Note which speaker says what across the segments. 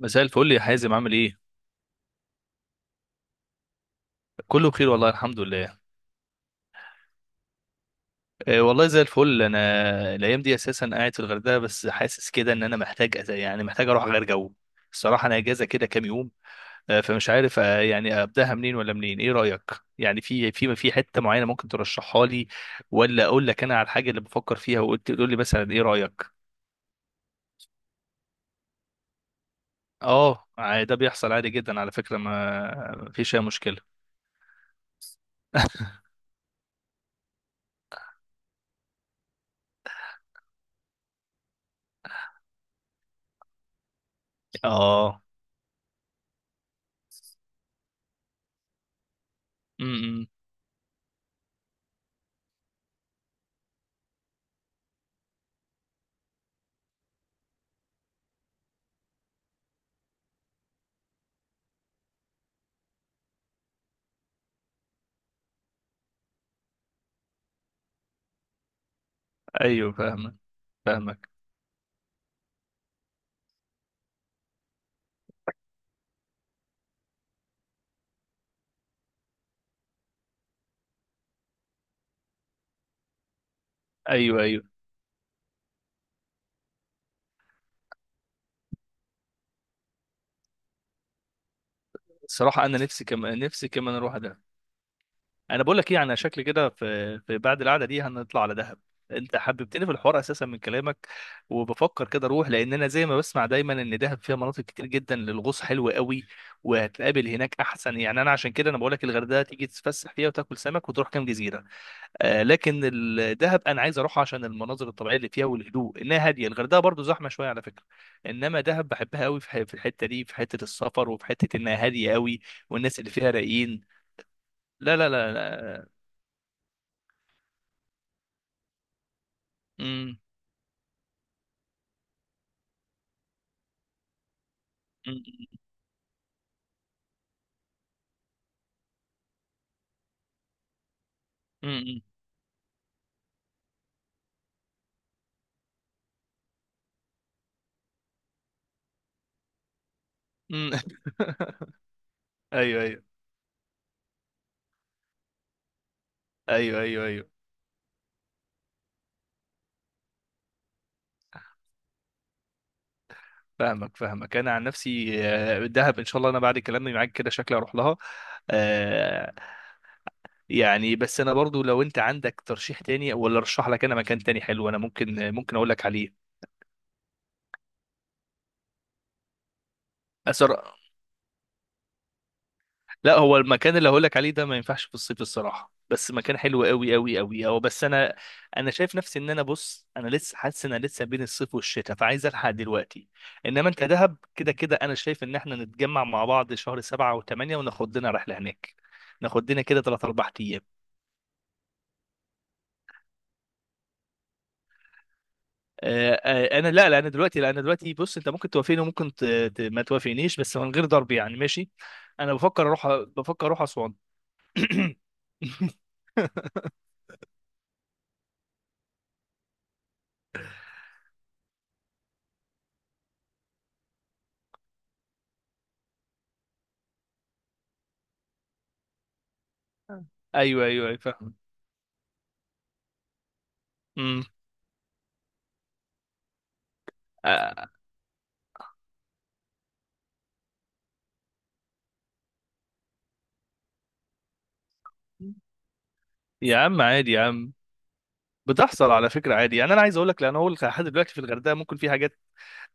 Speaker 1: مساء الفل يا حازم، عامل ايه؟ كله بخير والله، الحمد لله. والله زي الفل انا. الايام دي اساسا قاعد في الغردقه، بس حاسس كده ان انا محتاج يعني محتاج اروح اغير جو. الصراحه انا اجازه كده كام يوم. فمش عارف، يعني ابداها منين ولا منين، ايه رايك؟ يعني في حته معينه ممكن ترشحها لي؟ ولا اقول لك انا على الحاجه اللي بفكر فيها وقلت تقول لي مثلا ايه رايك. ده بيحصل عادي جدا على فكره. ما فيش اي مشكله. اه. امم. ايوه، فاهمك. فاهمك. ايوه، ايوه. الصراحه انا نفسي كمان، نفسي كمان اروح دهب. انا بقول لك ايه، انا شكلي كده في بعد القعده دي هنطلع على دهب. انت حببتني في الحوار اساسا من كلامك. وبفكر كده اروح، لان انا زي ما بسمع دايما ان دهب فيها مناطق كتير جدا للغوص حلوه قوي. وهتقابل هناك احسن. يعني انا عشان كده انا بقول لك الغردقه تيجي تتفسح فيها وتاكل سمك وتروح كام جزيره، لكن الدهب انا عايز اروح عشان المناظر الطبيعيه اللي فيها والهدوء، انها هاديه. الغردقه برضو زحمه شويه على فكره. انما دهب بحبها قوي في في الحته دي، في حته السفر وفي حته انها هاديه قوي. والناس اللي فيها رايقين. لا، لا، لا، لا. امم. امم. امم. ايوه، ايوه، ايوه. ايوه، ايوه، فاهمك. فاهمك. انا عن نفسي، دهب ان شاء الله انا بعد كلامي معاك كده شكلي اروح لها. آه، يعني بس انا برضو لو انت عندك ترشيح تاني، ولا ارشح لك انا مكان تاني حلو انا ممكن، ممكن اقول لك عليه. أسر... لا، هو المكان اللي هقول لك عليه ده ما ينفعش في الصيف الصراحه، بس مكان حلو قوي قوي قوي. هو بس انا، انا شايف نفسي ان انا بص انا لسه حاسس ان انا لسه بين الصيف والشتاء فعايز الحق دلوقتي. انما انت دهب كده كده انا شايف ان احنا نتجمع مع بعض شهر سبعة وثمانية وناخد لنا رحله هناك. ناخد لنا كده ثلاث اربع ايام. انا، لا لا، انا دلوقتي، لا، انا دلوقتي بص انت ممكن توافقني وممكن ما توافقنيش، بس من غير ضرب يعني، ماشي. انا بفكر اروح. بفكر اروح اسوان. ايوه، ايوه، أيوة، فاهم. امم. آه. يا عم عادي يا عم. بتحصل على فكره عادي يعني. انا عايز اقول لك، لان هو لحد دلوقتي في الغردقه ممكن في حاجات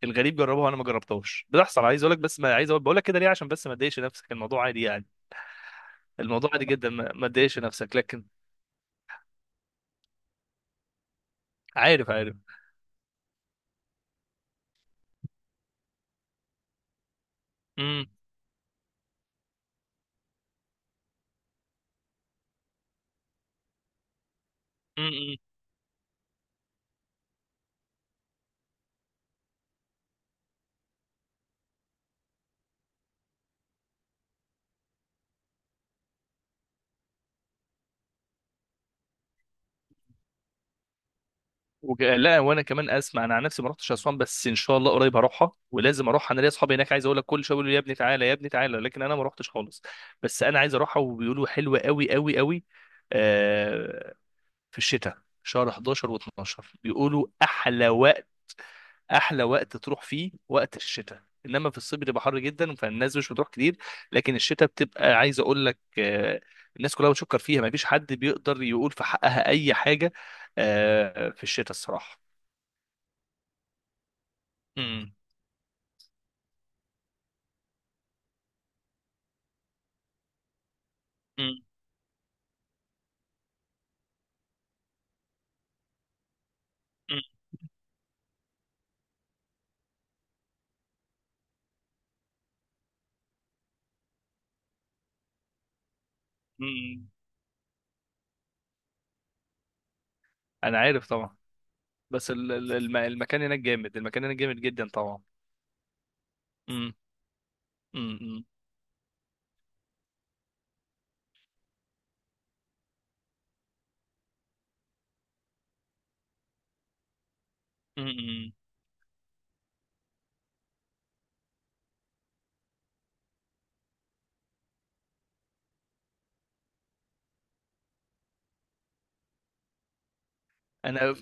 Speaker 1: الغريب جربها انا ما جربتهاش، بتحصل. عايز اقول لك بس ما عايز اقول، بقول لك كده ليه عشان بس ما تضايقش نفسك، الموضوع عادي يعني. الموضوع عادي جدا، ما تضايقش نفسك، لكن عارف. عارف. امم. امم. لا، وانا كمان اسمع، انا عن نفسي ما رحتش اسوان، بس ان شاء الله قريب هروحها، ولازم اروح. انا ليا اصحابي هناك عايز اقول لك كل شويه بيقولوا لي يا ابني تعالى، يا ابني تعالى، لكن انا ما رحتش خالص. بس انا عايز اروحها، وبيقولوا حلوه قوي قوي قوي. آه في الشتاء شهر 11 و12 بيقولوا احلى وقت. احلى وقت تروح فيه وقت الشتاء، انما في الصيف بتبقى حر جدا فالناس مش بتروح كتير. لكن الشتاء بتبقى، عايز اقول لك، الناس كلها بتشكر فيها، ما فيش حد بيقدر يقول في حقها اي حاجه. في الشتاء الصراحه. امم. امم. امم. انا عارف طبعا. بس المكان هناك جامد، المكان هناك جامد جدا طبعا. امم. امم. امم. انا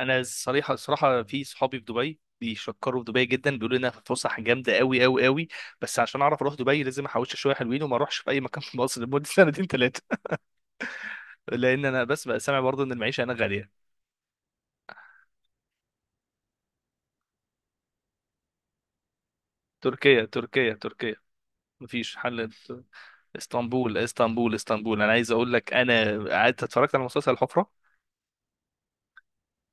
Speaker 1: انا الصراحه، في صحابي في دبي بيشكروا في دبي جدا، بيقولوا انها فسح جامده قوي قوي قوي. بس عشان اعرف اروح دبي لازم احوش شويه حلوين، وما اروحش في اي مكان في مصر لمده سنتين ثلاثه. لان انا بس بقى سامع برضه ان المعيشه هناك غاليه. تركيا، تركيا، تركيا. مفيش حل. اسطنبول، اسطنبول، اسطنبول. انا عايز اقول لك انا قعدت اتفرجت على مسلسل الحفره.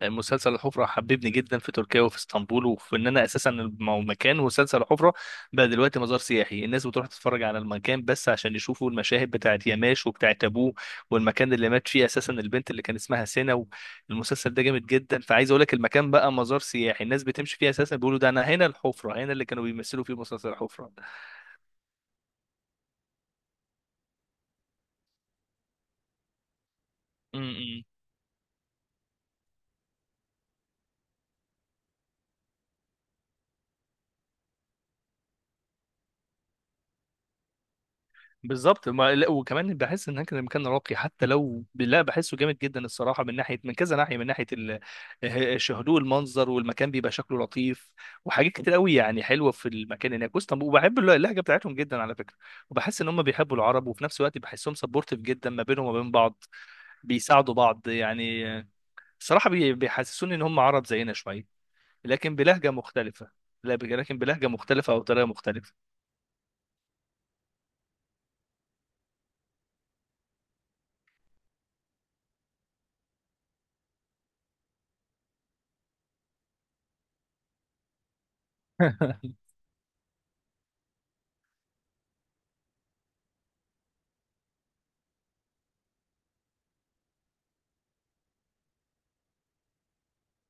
Speaker 1: مسلسل الحفرة حببني جدا في تركيا وفي اسطنبول، وفي ان انا اساسا مكان. ومسلسل الحفرة بقى دلوقتي مزار سياحي، الناس بتروح تتفرج على المكان بس عشان يشوفوا المشاهد بتاعت ياماش وبتاعت ابوه والمكان اللي مات فيه اساسا البنت اللي كان اسمها سينا. المسلسل ده جامد جدا، فعايز اقول لك المكان بقى مزار سياحي، الناس بتمشي فيه اساسا بيقولوا ده انا هنا الحفرة، هنا اللي كانوا بيمثلوا فيه مسلسل الحفرة. م- م. بالظبط. ما لا، وكمان بحس ان كان المكان راقي حتى، لو لا بحسه جامد جدا الصراحه من ناحيه، من كذا ناحيه، من ناحيه هدوء المنظر، والمكان بيبقى شكله لطيف. وحاجات كتير قوي يعني حلوه في المكان هناك واسطنبول، وبحب اللهجه بتاعتهم جدا على فكره. وبحس ان هم بيحبوا العرب، وفي نفس الوقت بحسهم سبورتيف جدا ما بينهم وما بين بعض، بيساعدوا بعض يعني. الصراحه بيحسسوني ان هم عرب زينا شويه، لكن بلهجه مختلفه. لا، لكن بلهجه مختلفه او طريقه مختلفه.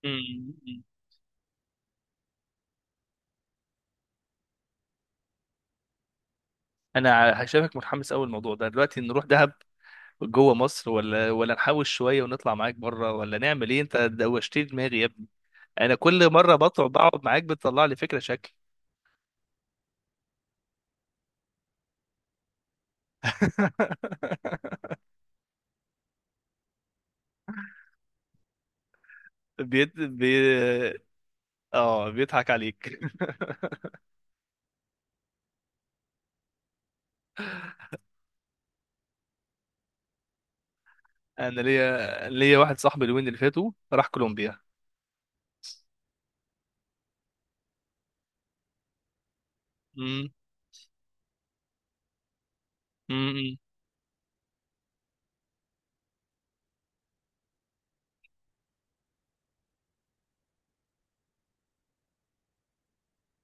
Speaker 1: انا شايفك متحمس قوي الموضوع ده دلوقتي. نروح دهب جوه مصر، ولا ولا نحوش شويه ونطلع معاك بره، ولا نعمل ايه؟ انت دوشتني دماغي يا ابني. انا كل مره بطلع بقعد معاك بتطلع لي فكره شكل. بيت بي... اه، بيضحك عليك. انا ليا واحد صاحبي الوين اللي فاتوا راح كولومبيا. امم. امم.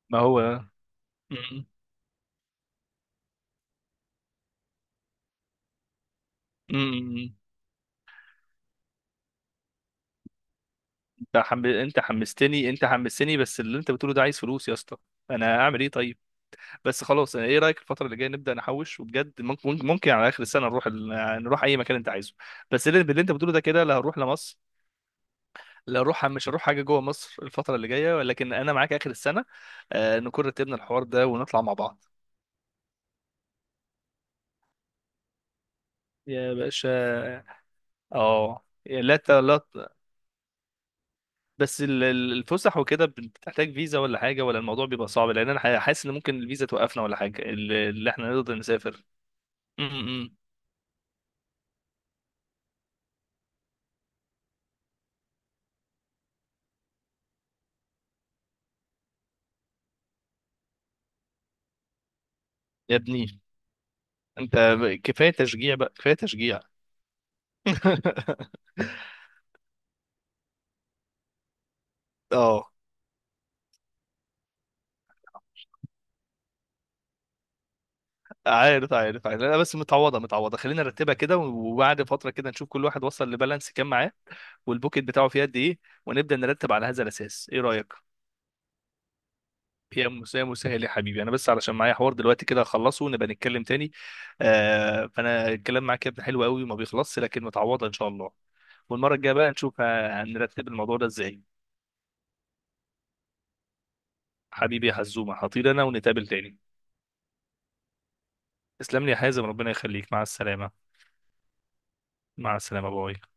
Speaker 1: ما هو. امم. امم. انت حمستني، انت حمستني، بس اللي انت بتقوله ده عايز فلوس يا اسطى. انا اعمل ايه طيب؟ بس خلاص، يعني ايه رايك الفتره اللي جايه نبدا نحوش، وبجد ممكن، ممكن، ممكن على اخر السنه نروح يعني نروح اي مكان انت عايزه. بس اللي انت بتقوله ده كده لا هروح لمصر. لا هروح، مش هروح حاجه جوه مصر الفتره اللي جايه، ولكن انا معاك اخر السنه. نكون رتبنا الحوار ده ونطلع مع بعض. يا باشا. اه يعني لا ت- لا ت- بس الفسح وكده بتحتاج فيزا ولا حاجه، ولا الموضوع بيبقى صعب؟ لان انا حاسس ان ممكن الفيزا توقفنا ولا حاجه اللي احنا نقدر نسافر. م- م- م. يا ابني انت كفايه تشجيع بقى، كفايه تشجيع. اه عارف، عارف، عارف. لا، بس متعوضه، متعوضه، خلينا نرتبها كده، وبعد فتره كده نشوف كل واحد وصل لبالانس كام معاه، والبوكيت بتاعه فيه قد ايه، ونبدا نرتب على هذا الاساس. ايه رايك؟ يا مسا يا مسهل يا حبيبي، انا بس علشان معايا حوار دلوقتي كده اخلصه ونبقى نتكلم تاني. فانا الكلام معاك يا ابني حلو قوي وما بيخلصش، لكن متعوضه ان شاء الله. والمره الجايه بقى نشوف هنرتب الموضوع ده ازاي. حبيبي يا حزومه، هطير انا ونتقابل تاني. تسلم لي يا حازم، ربنا يخليك، مع السلامه. مع السلامه. باي.